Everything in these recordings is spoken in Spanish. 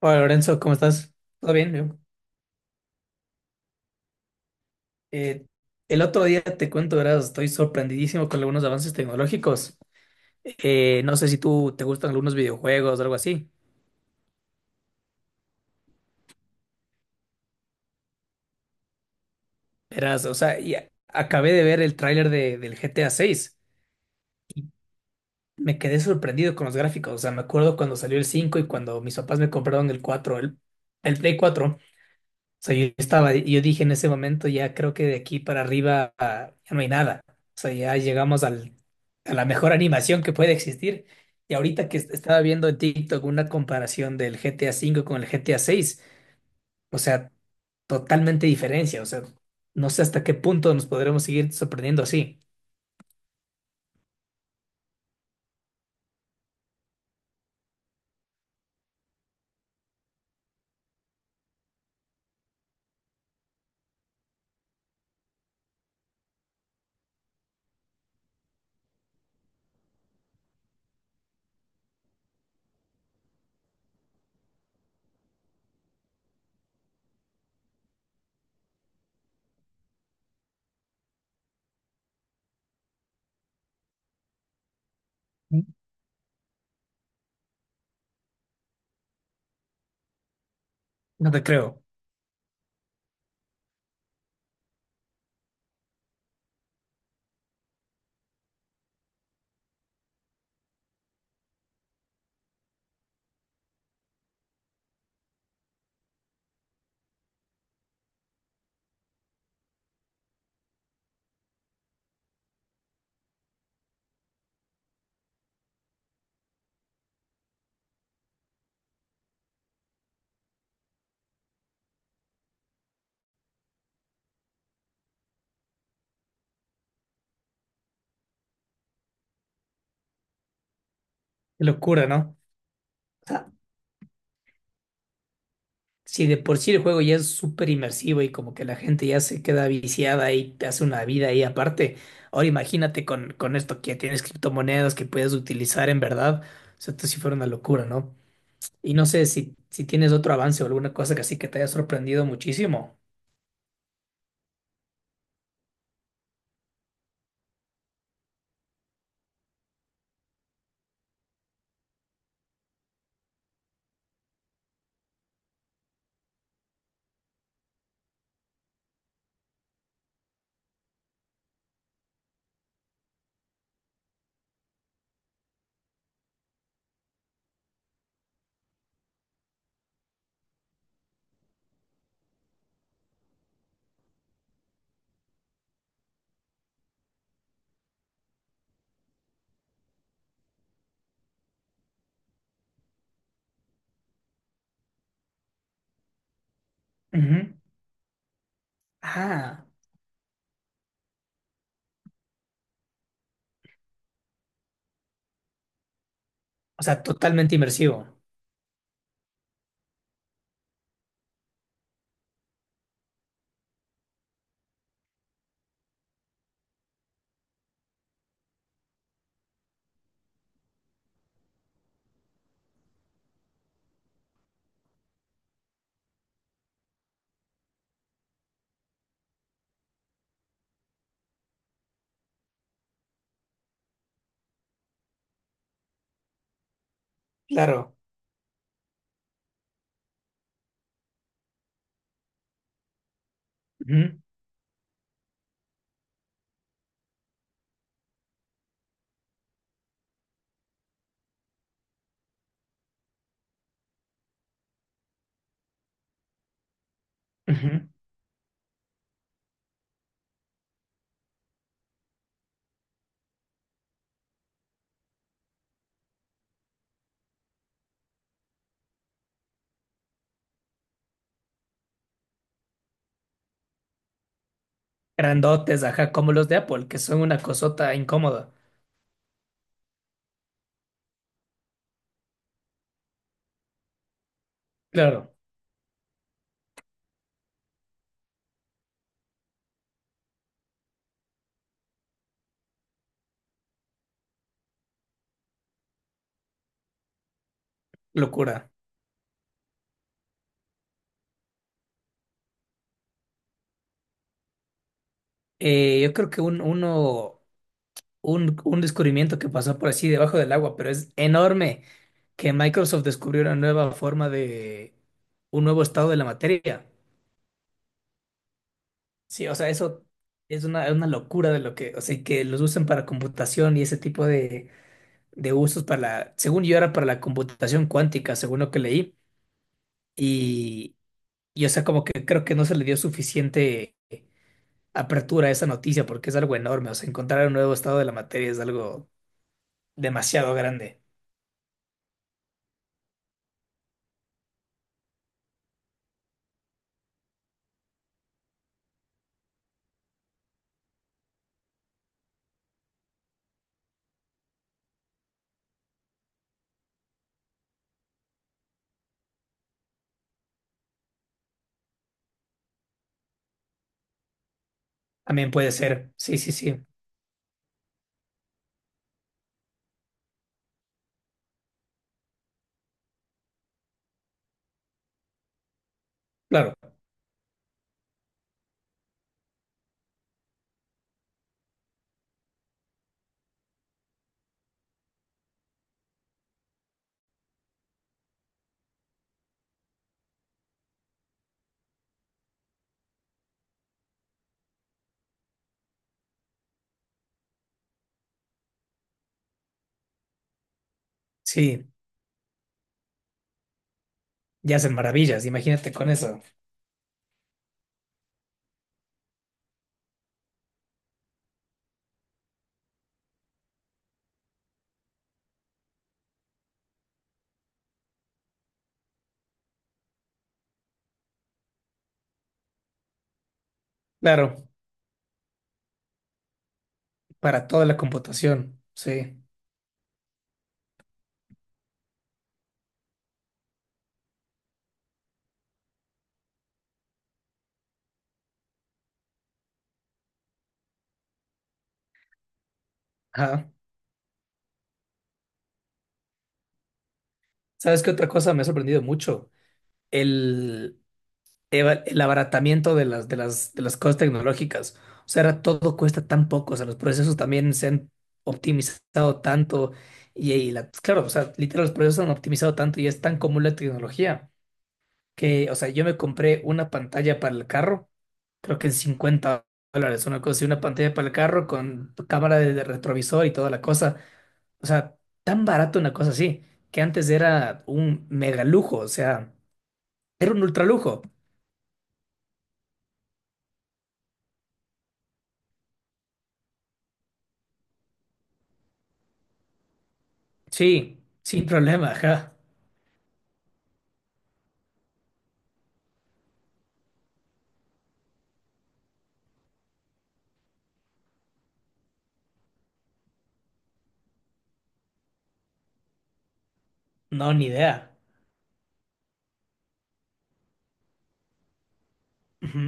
Hola Lorenzo, ¿cómo estás? ¿Todo bien? ¿Yo? Eh, el otro día te cuento, ¿verdad? Estoy sorprendidísimo con algunos avances tecnológicos. No sé si tú te gustan algunos videojuegos o algo así. Verás, o sea, acabé de ver el tráiler del GTA VI. Me quedé sorprendido con los gráficos. O sea, me acuerdo cuando salió el 5 y cuando mis papás me compraron el 4, el Play 4. O sea, yo estaba, yo dije en ese momento, ya creo que de aquí para arriba, ah, ya no hay nada. O sea, ya llegamos a la mejor animación que puede existir. Y ahorita que estaba viendo en TikTok una comparación del GTA V con el GTA VI, o sea, totalmente diferencia. O sea, no sé hasta qué punto nos podremos seguir sorprendiendo así. No te creo. Qué locura, ¿no? Si de por sí el juego ya es súper inmersivo y como que la gente ya se queda viciada y te hace una vida ahí aparte, ahora imagínate con esto que tienes criptomonedas que puedes utilizar en verdad, o sea, esto sí fuera una locura, ¿no? Y no sé si tienes otro avance o alguna cosa que así que te haya sorprendido muchísimo. Ujú. Ah, o sea, totalmente inmersivo. Claro. Ujú, ujú. Grandotes, ajá, como los de Apple, que son una cosota incómoda. Claro, locura. Yo creo que un descubrimiento que pasó por así debajo del agua, pero es enorme que Microsoft descubrió una nueva forma de un nuevo estado de la materia. Sí, o sea, eso es una locura de lo que, o sea, que los usan para computación y ese tipo de usos para la, según yo era para la computación cuántica, según lo que leí, y, y, o sea, como que creo que no se le dio suficiente apertura a esa noticia porque es algo enorme, o sea, encontrar un nuevo estado de la materia es algo demasiado grande. También puede ser, sí, sí, sí. Claro, sí, ya hacen maravillas, imagínate con eso. Claro, para toda la computación, sí. Ajá. ¿Sabes qué otra cosa me ha sorprendido mucho? El, el abaratamiento de las cosas tecnológicas. O sea, ahora todo cuesta tan poco, o sea, los procesos también se han optimizado tanto claro, o sea, literal, los procesos se han optimizado tanto y es tan común la tecnología. O sea, yo me compré una pantalla para el carro, creo que en $50, una cosa, así, una pantalla para el carro con cámara de retrovisor y toda la cosa. O sea, tan barato una cosa así, que antes era un mega lujo, o sea, era un ultra lujo. Sí, sin problema, ajá. No, ni idea. Ujú,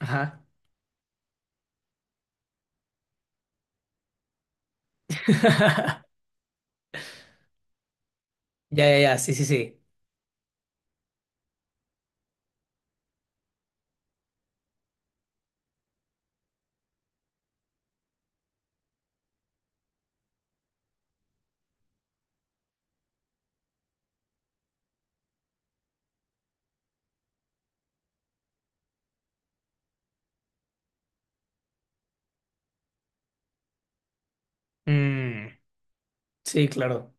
ajá. Ya, ya, ya, sí, sí, sí. Mm, sí, claro.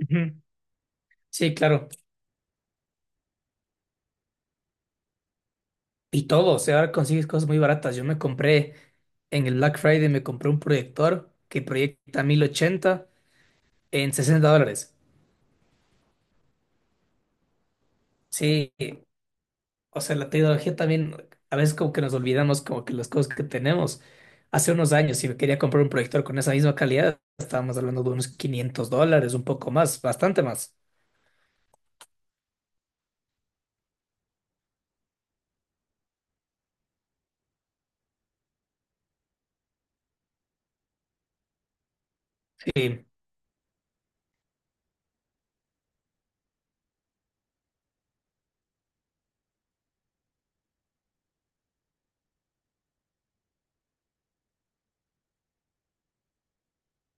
Ujú, sí, claro. Y todo, o sea, ahora consigues cosas muy baratas. Yo me compré en el Black Friday, me compré un proyector que proyecta 1080 en $60. Sí, o sea, la tecnología también, a veces como que nos olvidamos como que las cosas que tenemos. Hace unos años, si me quería comprar un proyector con esa misma calidad, estábamos hablando de unos $500, un poco más, bastante más. Sí,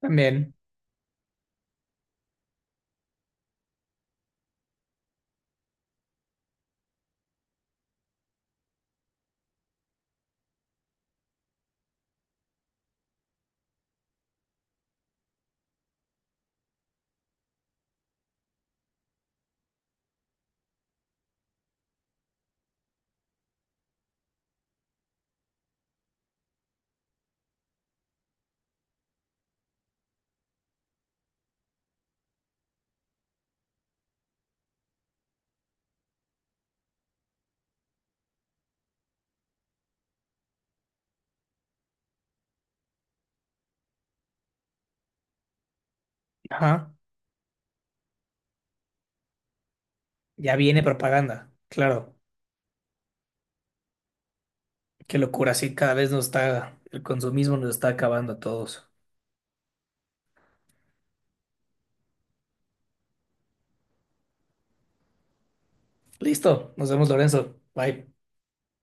también. Ajá, ya viene propaganda, claro. Qué locura, sí, cada vez nos está, el consumismo nos está acabando a todos. Listo, nos vemos, Lorenzo. Bye.